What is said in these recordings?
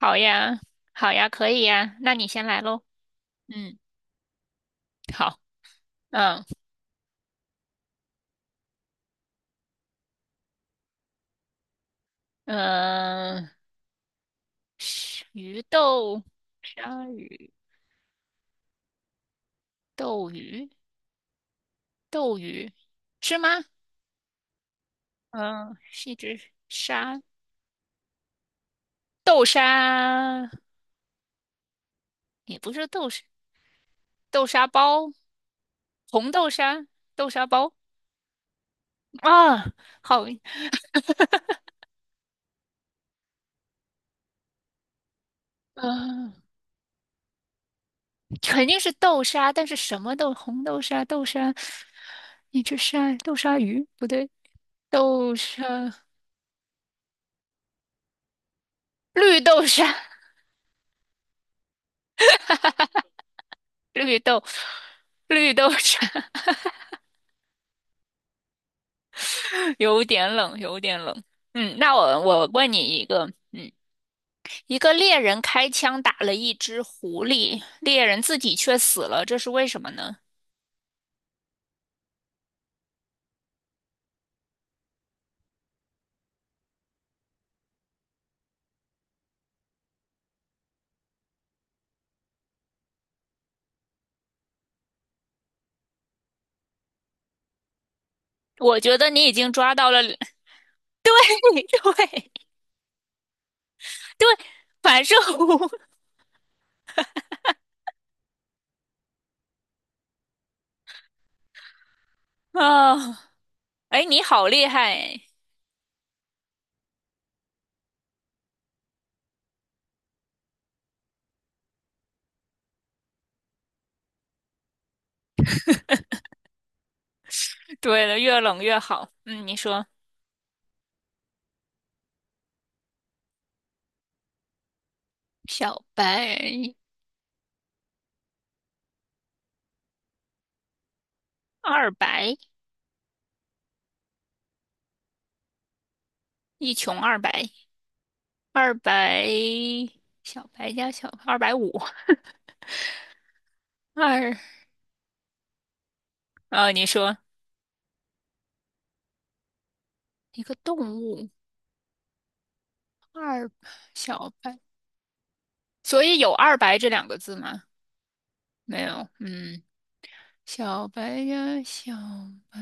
好呀，好呀，可以呀，那你先来喽。嗯，好，嗯嗯，是鱼豆鲨鱼斗鱼斗鱼是吗？嗯，是一只鲨，豆鲨，也不是豆沙，豆沙包，红豆沙，豆沙包啊，好，嗯、肯定是豆沙，但是什么豆，红豆沙，豆沙，一只鲨，豆沙鱼不对，豆沙。绿豆沙，绿豆，绿豆沙，有点冷，有点冷。嗯，那我问你一个，嗯，一个猎人开枪打了一只狐狸，猎人自己却死了，这是为什么呢？我觉得你已经抓到了，对对，反射弧 啊，哎，你好厉害！对了，越冷越好。嗯，你说小白、二白、一穷二白。二百小白加小二百五二，啊，你说一个动物二小白，所以有二白这两个字吗？没有，嗯，小白加小白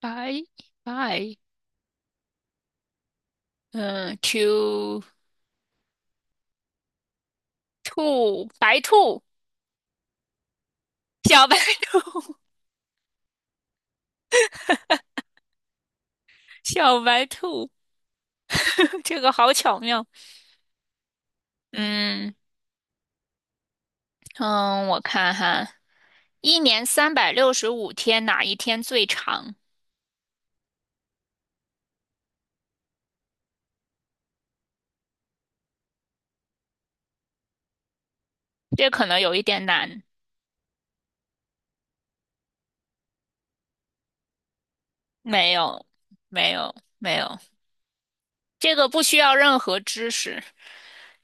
白白，嗯，two 兔白兔小白兔 小白兔，这个好巧妙，嗯嗯，我看哈，一年365天哪一天最长？这可能有一点难。没有，没有，没有，这个不需要任何知识，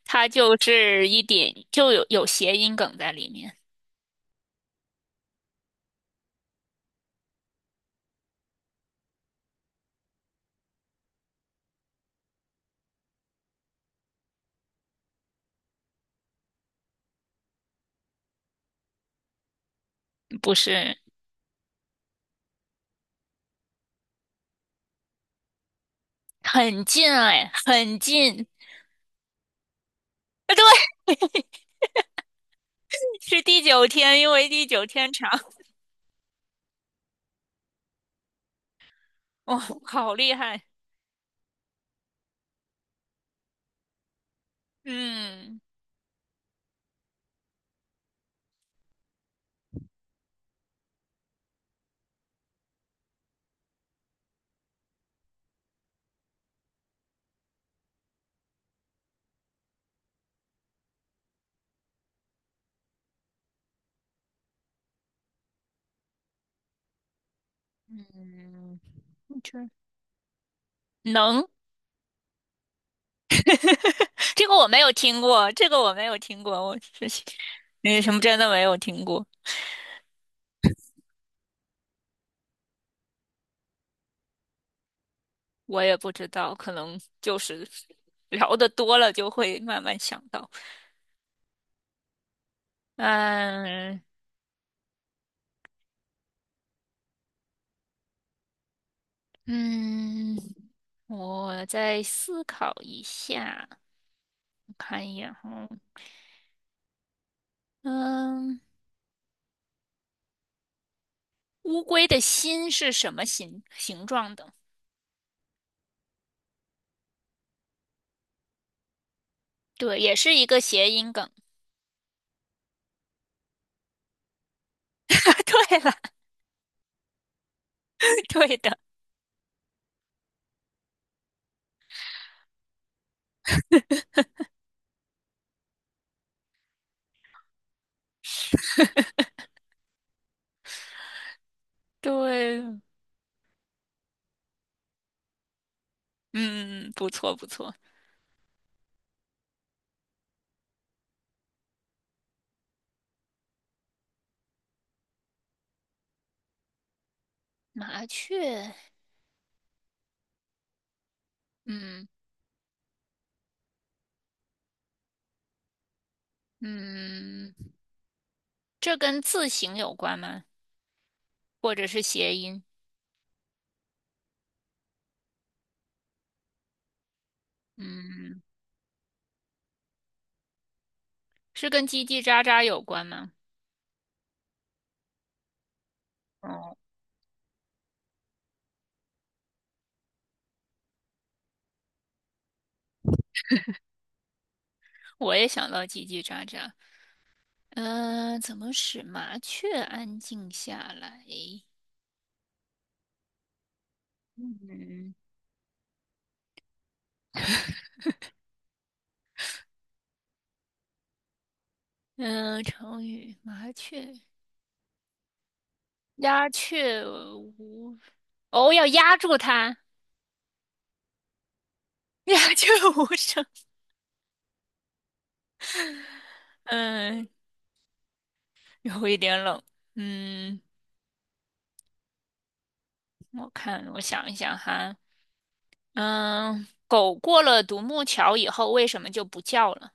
它就是一点就有谐音梗在里面，不是很近啊哎，很近。啊对，是第九天，因为第九天长。哇、好厉害！嗯嗯，这能，这个我没有听过，这个我没有听过，我是那什么真的没有听过。我也不知道，可能就是聊得多了就会慢慢想到。嗯嗯，我再思考一下，我看一眼哈。嗯，乌龟的心是什么形状的？对，也是一个谐音梗。对了，对的，对，嗯，不错不错。麻雀，嗯嗯，这跟字形有关吗？或者是谐音？嗯，是跟叽叽喳喳有关吗？哦，我也想到叽叽喳喳。嗯、怎么使麻雀安静下来？嗯嗯、成语麻雀鸦雀无哦，要压住它，鸦雀无声。嗯，有一点冷。嗯，我看，我想一想哈。嗯，狗过了独木桥以后，为什么就不叫了？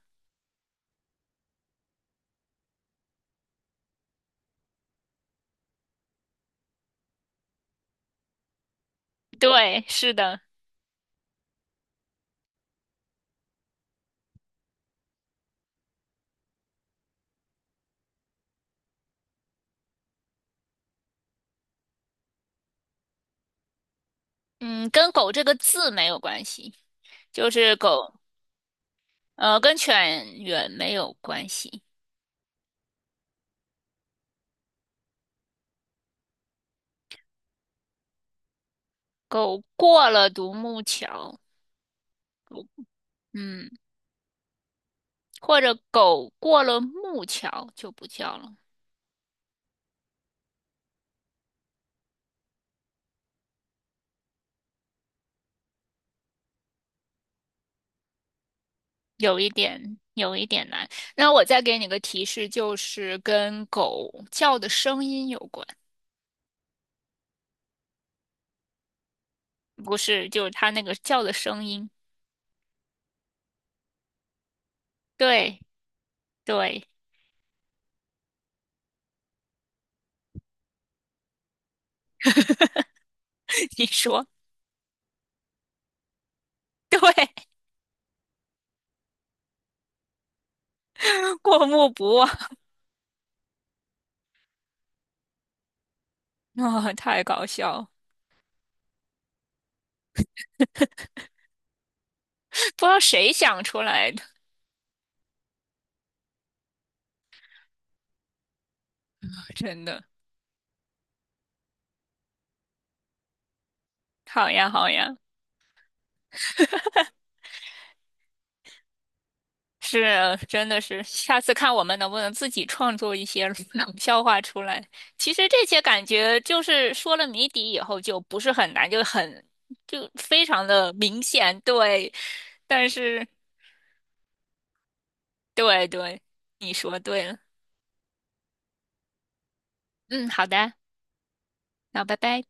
对，是的。嗯，跟狗这个字没有关系，就是狗，跟犬远没有关系。狗过了独木桥，嗯，或者狗过了木桥就不叫了，有一点，有一点难。那我再给你个提示，就是跟狗叫的声音有关，不是，就是它那个叫的声音。对，对，你说对，过目不忘，哦，太搞笑了，不知道谁想出来的。真的，好呀，好呀，是，真的是，下次看我们能不能自己创作一些 冷笑话出来。其实这些感觉就是说了谜底以后就不是很难，就很，就非常的明显，对。但是，对对，你说对了。嗯，好的，那拜拜。